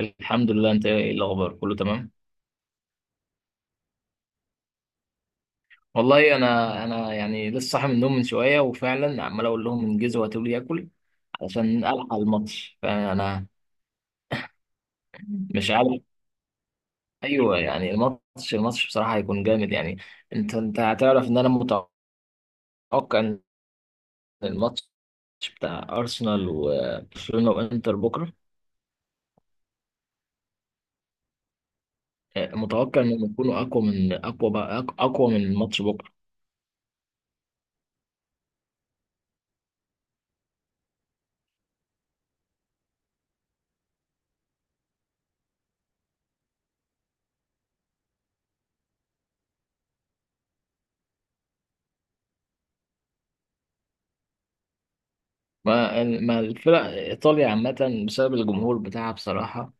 الحمد لله. انت ايه الاخبار؟ كله تمام؟ والله انا يعني لسه صاحي من النوم من شويه، وفعلا عمال اقول لهم انجزوا هاتوا لي اكل علشان الحق الماتش. فانا مش عارف. ايوه يعني الماتش بصراحه هيكون جامد يعني. انت هتعرف ان انا متوقع ان الماتش بتاع ارسنال وبرشلونه وانتر بكره. اه، متوقع انهم يكونوا اقوى من اقوى، بقى اقوى من الماتش بكره. ما الفرق ايطاليا عامه بسبب الجمهور بتاعها بصراحه.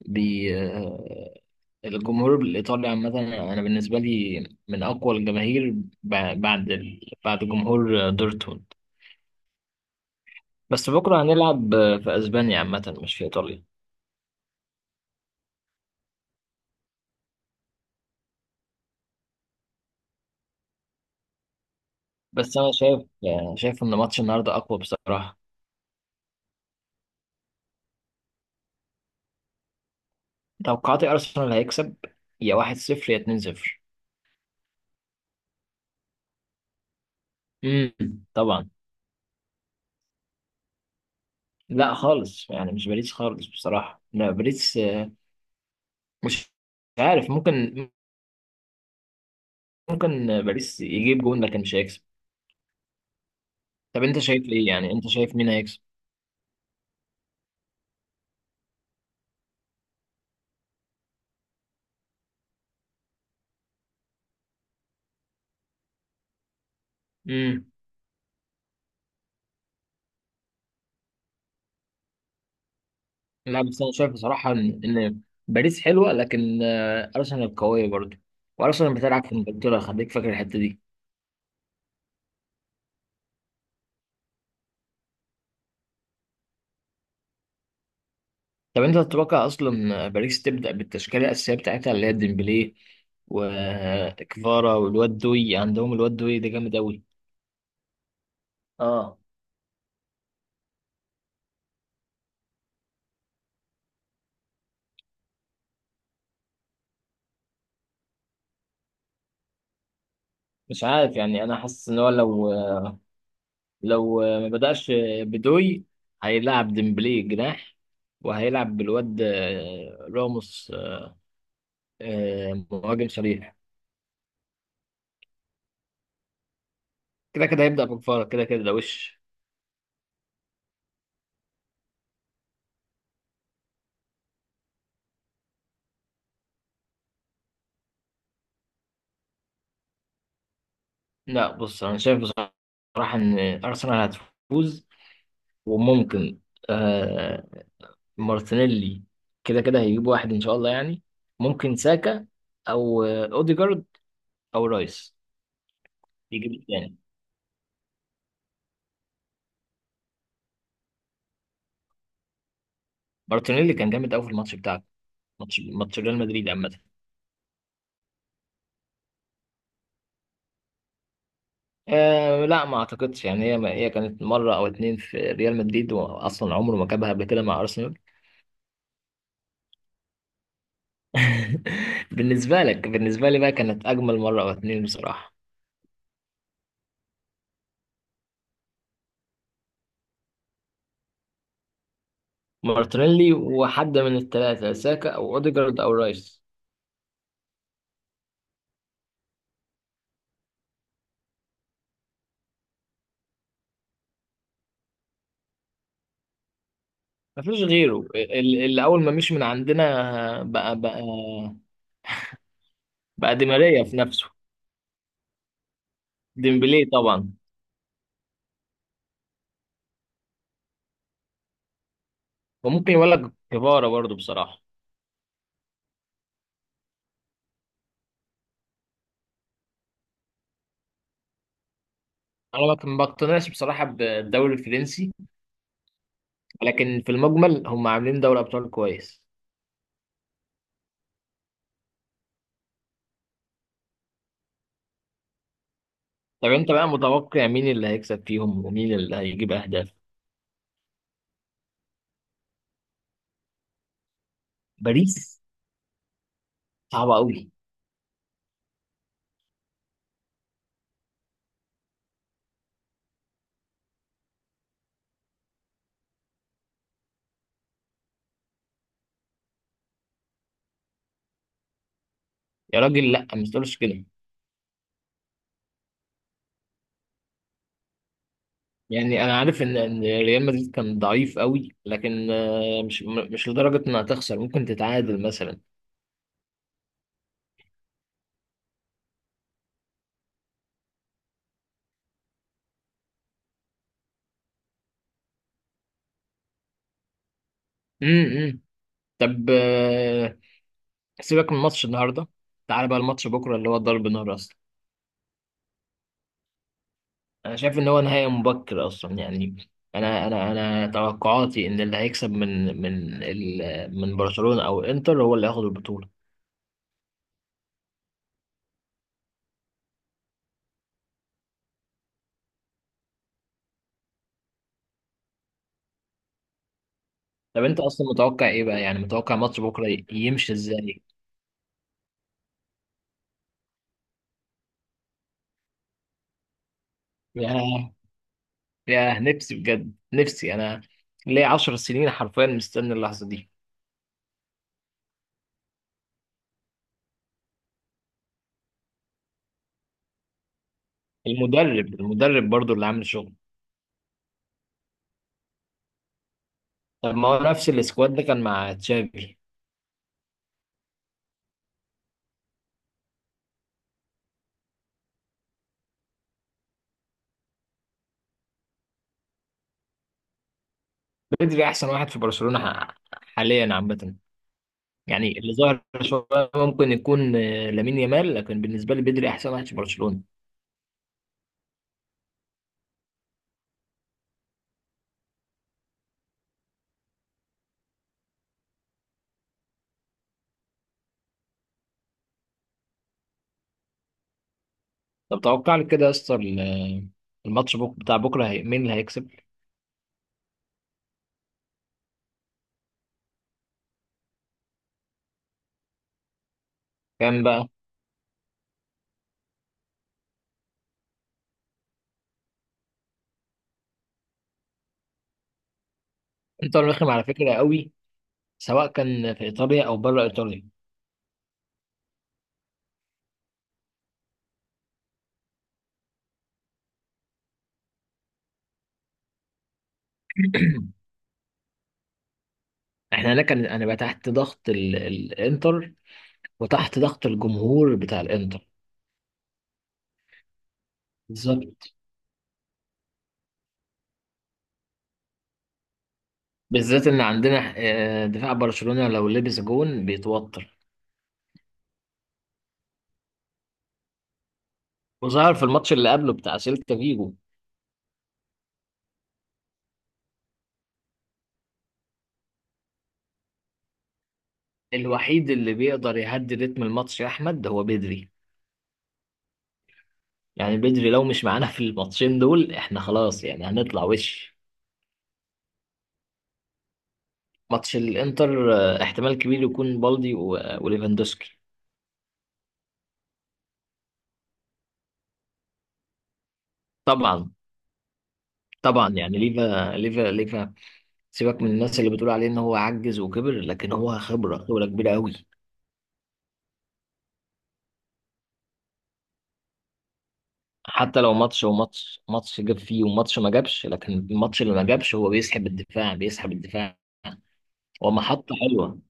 بي آه، الجمهور الإيطالي عامة، أنا بالنسبة لي من أقوى الجماهير بعد جمهور دورتموند. بس بكرة هنلعب في أسبانيا عامة، مش في إيطاليا. بس أنا شايف، شايف إن ماتش النهاردة أقوى بصراحة. توقعاتي أرسنال هيكسب، يا 1-0 يا 2-0. امم، طبعا. لا خالص، يعني مش باريس خالص بصراحة. لا، باريس مش عارف. ممكن، باريس يجيب جون لكن مش هيكسب. طب أنت شايف إيه؟ يعني أنت شايف مين هيكسب؟ امم. لا، بس انا شايف بصراحه ان باريس حلوه، لكن ارسنال قويه برضه. وارسنال بتلعب في انجلترا، خليك فاكر الحته دي. طب انت تتوقع اصلا باريس تبدا بالتشكيله الاساسيه بتاعتها، اللي هي ديمبلي وكفارا والواد دوي؟ عندهم الواد دوي ده جامد قوي. اه، مش عارف. يعني انا حاسس ان هو لو، ما بداش بدوي، هيلعب ديمبلي جناح، وهيلعب بالواد راموس مهاجم صريح. كده كده هيبدا بكفارا، كده كده ده وش. لا، بص انا شايف بصراحه ان ارسنال هتفوز، وممكن آه مارتينيلي كده كده هيجيب واحد ان شاء الله يعني. ممكن ساكا، او اوديجارد، او رايس يجيب الثاني. مارتينيلي كان جامد قوي في الماتش بتاعك، ماتش ريال مدريد عامه. آه لا، ما اعتقدش يعني. هي كانت مره او اتنين في ريال مدريد، واصلا عمره ما جابها قبل كده مع ارسنال. بالنسبه لك. بالنسبه لي بقى كانت اجمل مره او اتنين بصراحه. مارتينيلي، وحد من الثلاثة: ساكا أو أوديجارد أو رايس. مفيش غيره، اللي أول ما مشي من عندنا بقى، بقى دي ماريا في نفسه. ديمبلي طبعا. وممكن يقول لك كفارة برضه بصراحة. أنا ما بقتنعش بصراحة بالدوري الفرنسي، لكن في المجمل هم عاملين دوري أبطال كويس. طب أنت بقى متوقع مين اللي هيكسب فيهم، ومين اللي هيجيب أهداف؟ باريس؟ صعبة أوي. يا راجل، لا ما تقولش كده. يعني انا عارف ان ريال مدريد كان ضعيف قوي، لكن مش، مش لدرجه انها تخسر. ممكن تتعادل مثلا. إمم. طب سيبك من ماتش النهارده، تعال بقى الماتش بكره اللي هو ضرب نار اصلا. انا شايف ان هو نهائي مبكر اصلا يعني. انا توقعاتي ان اللي هيكسب من برشلونه او انتر هو اللي هياخد البطوله. طب انت اصلا متوقع ايه بقى؟ يعني متوقع ماتش بكره يمشي ازاي؟ يا نفسي بجد، نفسي انا ليا 10 سنين حرفيا مستني اللحظه دي. المدرب برضو اللي عامل شغل. طب ما هو نفس السكواد ده كان مع تشافي. بدري احسن واحد في برشلونه حاليا عامه. يعني اللي ظاهر شويه ممكن يكون لامين يامال، لكن بالنسبه لي بدري احسن واحد في برشلونه. طب توقع لي كده يا اسطى، الماتش بتاع بكره، مين اللي هيكسب؟ كام بقى؟ انتر رخم على فكره قوي، سواء كان في ايطاليا او بره ايطاليا. احنا هناك، انا بقى تحت ضغط الانتر، وتحت ضغط الجمهور بتاع الانتر. بالظبط. بالذات ان عندنا دفاع برشلونة لو لبس جون بيتوتر. وظهر في الماتش اللي قبله بتاع سيلتا فيجو. الوحيد اللي بيقدر يهدي رتم الماتش يا احمد هو بدري. يعني بدري لو مش معانا في الماتشين دول احنا خلاص، يعني هنطلع وش. ماتش الانتر، احتمال كبير يكون بالدي وليفاندوسكي. طبعا. طبعا، يعني ليفا. سيبك من الناس اللي بتقول عليه ان هو عجز وكبر، لكن هو خبرة، خبرة كبيرة قوي. حتى لو ماتش، هو ماتش. ماتش جاب فيه وماتش ما جابش، لكن الماتش اللي ما جابش هو بيسحب الدفاع، بيسحب الدفاع. هو محطة حلوة.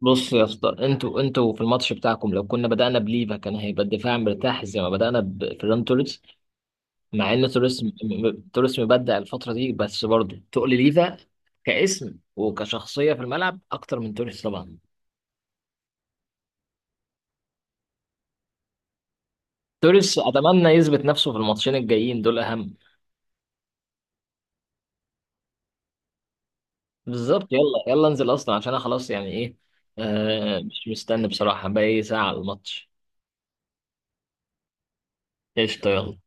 بص يا اسطى، انتوا في الماتش بتاعكم لو كنا بدأنا بليفا كان هيبقى الدفاع مرتاح، زي ما بدأنا بفيران توريس. مع ان توريس، توريس مبدع الفترة دي، بس برضه تقل ليفا كاسم وكشخصية في الملعب اكتر من توريس طبعا. توريس اتمنى يثبت نفسه في الماتشين الجايين دول اهم. بالظبط. يلا يلا انزل اصلا، عشان انا خلاص يعني ايه. مش مستني بصراحة، باقي ساعة على الماتش. قشطة، يلا.